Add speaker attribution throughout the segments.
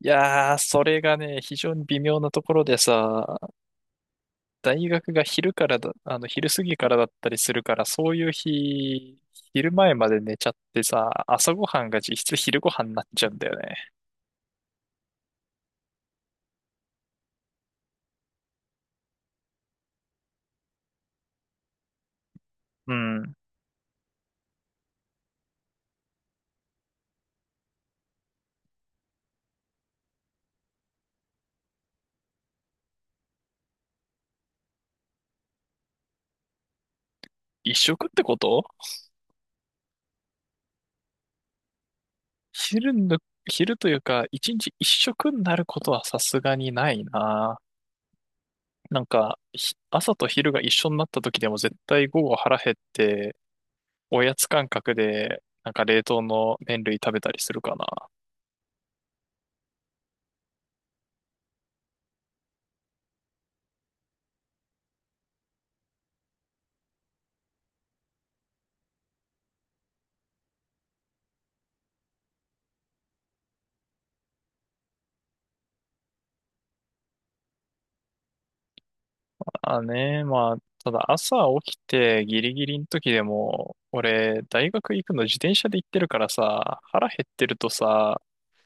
Speaker 1: いやー、それがね、非常に微妙なところでさ、大学が昼からだ、昼過ぎからだったりするから、そういう日、昼前まで寝ちゃってさ、朝ごはんが実質昼ごはんになっちゃうんだよね。うん。一食ってこと？昼の、昼というか、一日一食になることはさすがにないな。なんか、朝と昼が一緒になった時でも絶対午後腹減って、おやつ感覚で、なんか冷凍の麺類食べたりするかな。あね、まあ、ただ朝起きてギリギリの時でも、俺、大学行くの自転車で行ってるからさ、腹減ってるとさ、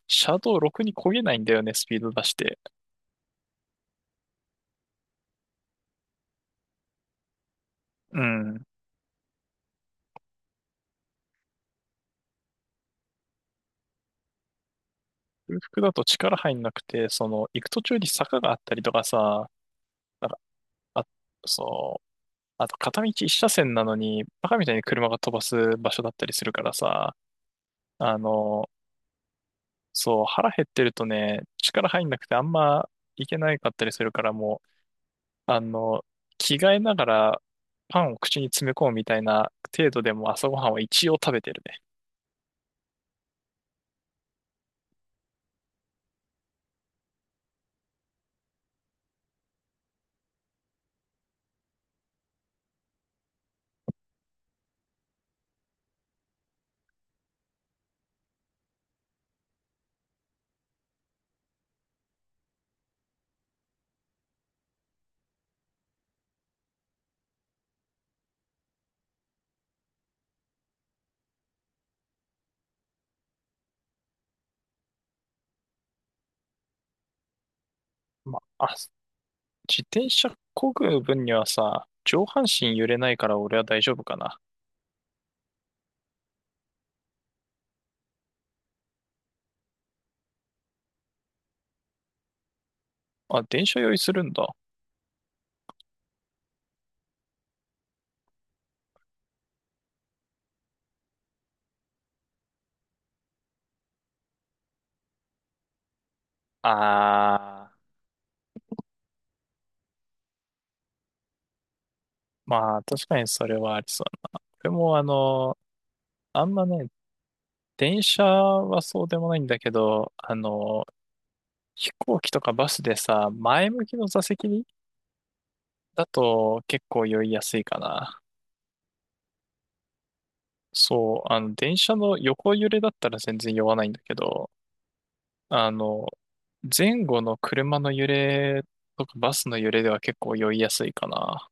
Speaker 1: 車道ろくに漕げないんだよね、スピード出して。うん。空腹だと力入んなくて、その、行く途中に坂があったりとかさ、なんか、あ、そう、あと片道一車線なのに、バカみたいに車が飛ばす場所だったりするからさ、あの、そう、腹減ってるとね、力入んなくてあんま行けないかったりするからもう、あの、着替えながらパンを口に詰め込むみたいな程度でも朝ごはんは一応食べてるね。まあ、あ自転車漕ぐ分にはさ、上半身揺れないから俺は大丈夫かな。あ、電車用意するんだ。あー、まあ確かにそれはありそう。でもあの、あんまね、電車はそうでもないんだけど、飛行機とかバスでさ、前向きの座席にだと結構酔いやすいかな。そう、あの、電車の横揺れだったら全然酔わないんだけど、あの、前後の車の揺れとかバスの揺れでは結構酔いやすいかな。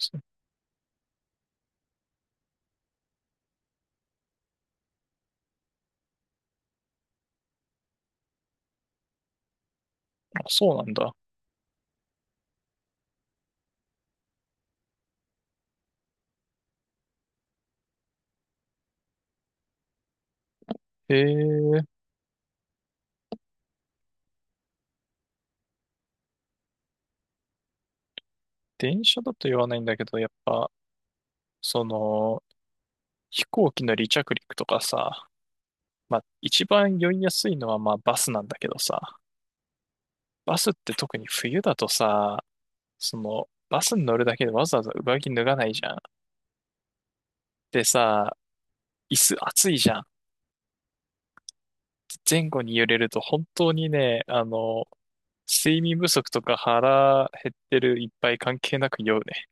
Speaker 1: そあそうなんだ。へえ、電車だと酔わないんだけど、やっぱ、その、飛行機の離着陸とかさ、まあ、一番酔いやすいのはまあバスなんだけどさ、バスって特に冬だとさ、その、バスに乗るだけでわざわざ上着脱がないじゃん。でさ、椅子暑いじゃん。前後に揺れると本当にね、睡眠不足とか腹減ってるいっぱい関係なく酔うね。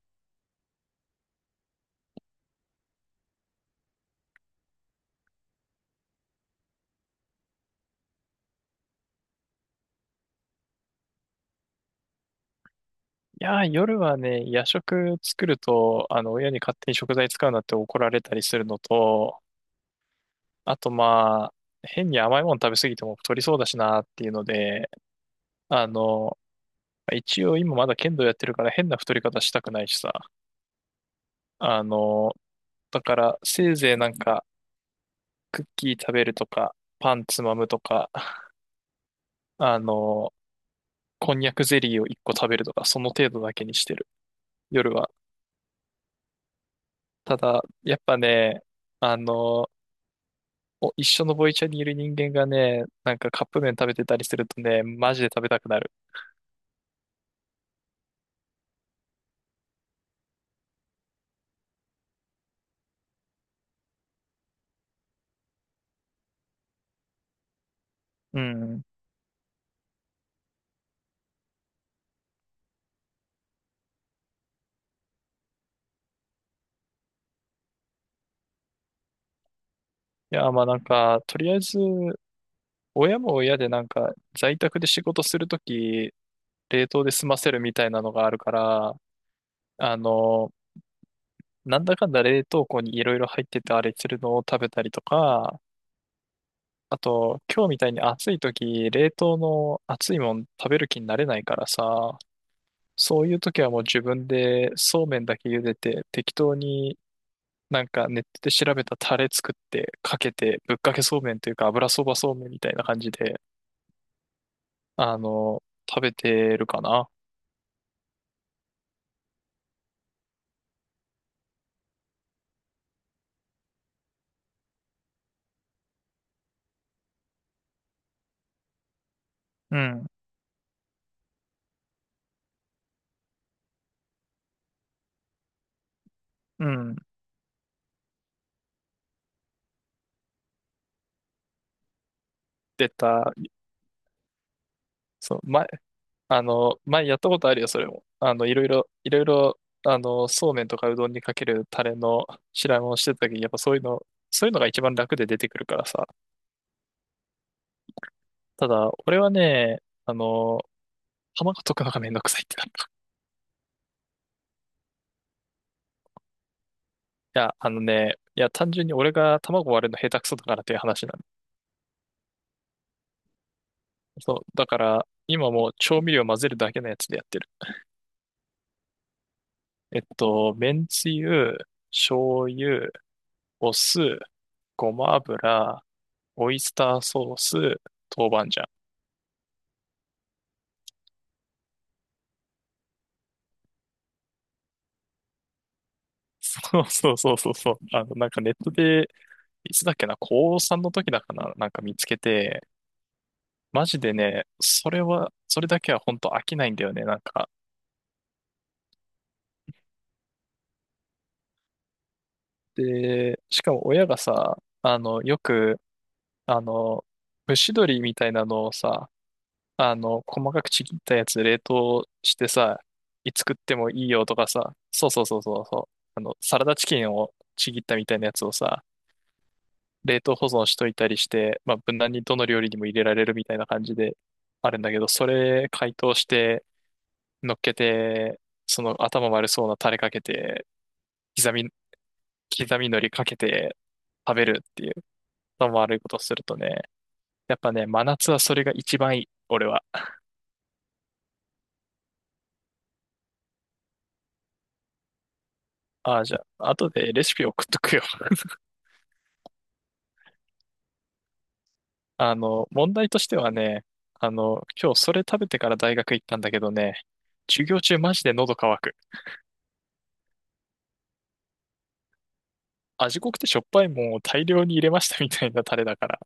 Speaker 1: いやー、夜はね、夜食作ると、あの、親に勝手に食材使うなって怒られたりするのと、あとまあ、変に甘いもの食べ過ぎても太りそうだしなっていうので、あの、一応今まだ剣道やってるから変な太り方したくないしさ。あの、だからせいぜいなんかクッキー食べるとか、パンつまむとか、あの、こんにゃくゼリーを1個食べるとか、その程度だけにしてる。夜は。ただ、やっぱね、あの、お一緒のボイチャにいる人間がね、なんかカップ麺食べてたりするとね、マジで食べたくなる。うん。いや、まあなんか、とりあえず、親も親でなんか、在宅で仕事するとき、冷凍で済ませるみたいなのがあるから、あのなんだかんだ冷凍庫にいろいろ入っててあれするのを食べたりとか、あと、今日みたいに暑い時、冷凍の熱いもん食べる気になれないからさ、そういう時はもう自分でそうめんだけ茹でて、適当になんかネットで調べたタレ作ってかけて、ぶっかけそうめんというか油そばそうめんみたいな感じで、あの、食べてるかな。うん、うん。出た、そう、前前やったことあるよ、それも。あの、いろいろ、そうめんとかうどんにかけるタレの調べをしてた時、やっぱそういうのが一番楽で出てくるからさ。ただ、俺はね、あの、卵溶くのがめんどくさいってなる。いや、あのね、いや、単純に俺が卵割るの下手くそだからっていう話なの。そう、だから、今もう調味料混ぜるだけのやつでやってる。えっと、めんつゆ、醤油、お酢、ごま油、オイスターソース、豆板醤。そうそうそうそうそう。あの、なんかネットで、いつだっけな、高さんの時だかな、なんか見つけて、マジでね、それは、それだけは本当飽きないんだよね、なんか。で、しかも親がさ、あの、よく、あの、蒸し鶏みたいなのをさ、細かくちぎったやつ冷凍してさ、いつ食ってもいいよとかさ、そうそうそうそうそう、サラダチキンをちぎったみたいなやつをさ、冷凍保存しといたりして、まあ、無難にどの料理にも入れられるみたいな感じであるんだけど、それ解凍して乗っけて、その頭悪そうなタレかけて、刻み、刻み海苔かけて食べるっていう、頭悪いことするとね、やっぱね、真夏はそれが一番いい、俺は。ああ、じゃあ、後でレシピ送っとくよ。あの、問題としてはね、あの、今日それ食べてから大学行ったんだけどね、授業中マジで喉乾く。味濃くてしょっぱいもんを大量に入れましたみたいなタレだから。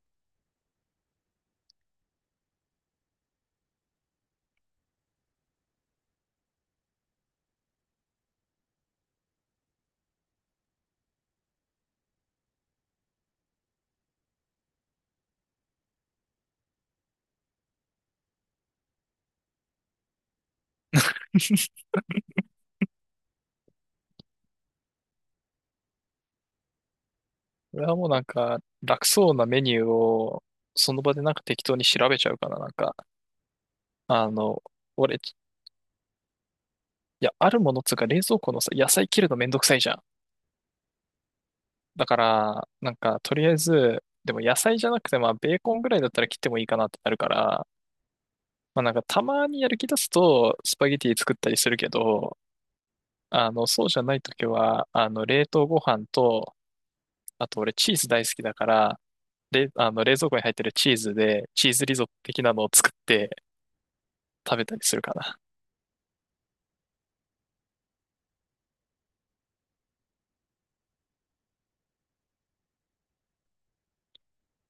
Speaker 1: これはもうなんか、楽そうなメニューを、その場でなんか適当に調べちゃうかな、なんか。あの、俺、いや、あるものっつうか冷蔵庫のさ、野菜切るのめんどくさいじゃん。だから、なんか、とりあえず、でも野菜じゃなくて、まあ、ベーコンぐらいだったら切ってもいいかなってなるから、まあ、なんか、たまにやる気出すと、スパゲティ作ったりするけど、あの、そうじゃないときは、あの、冷凍ご飯と、あと俺チーズ大好きだから、れ、あの、冷蔵庫に入ってるチーズで、チーズリゾット的なのを作って食べたりするかな。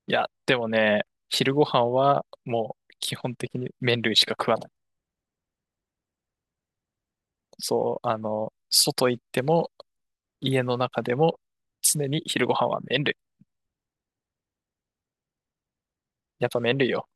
Speaker 1: いや、でもね、昼ご飯は、もう、基本的に麺類しか食わない。そう、あの、外行っても、家の中でも常に昼ご飯は麺類。やっぱ麺類よ。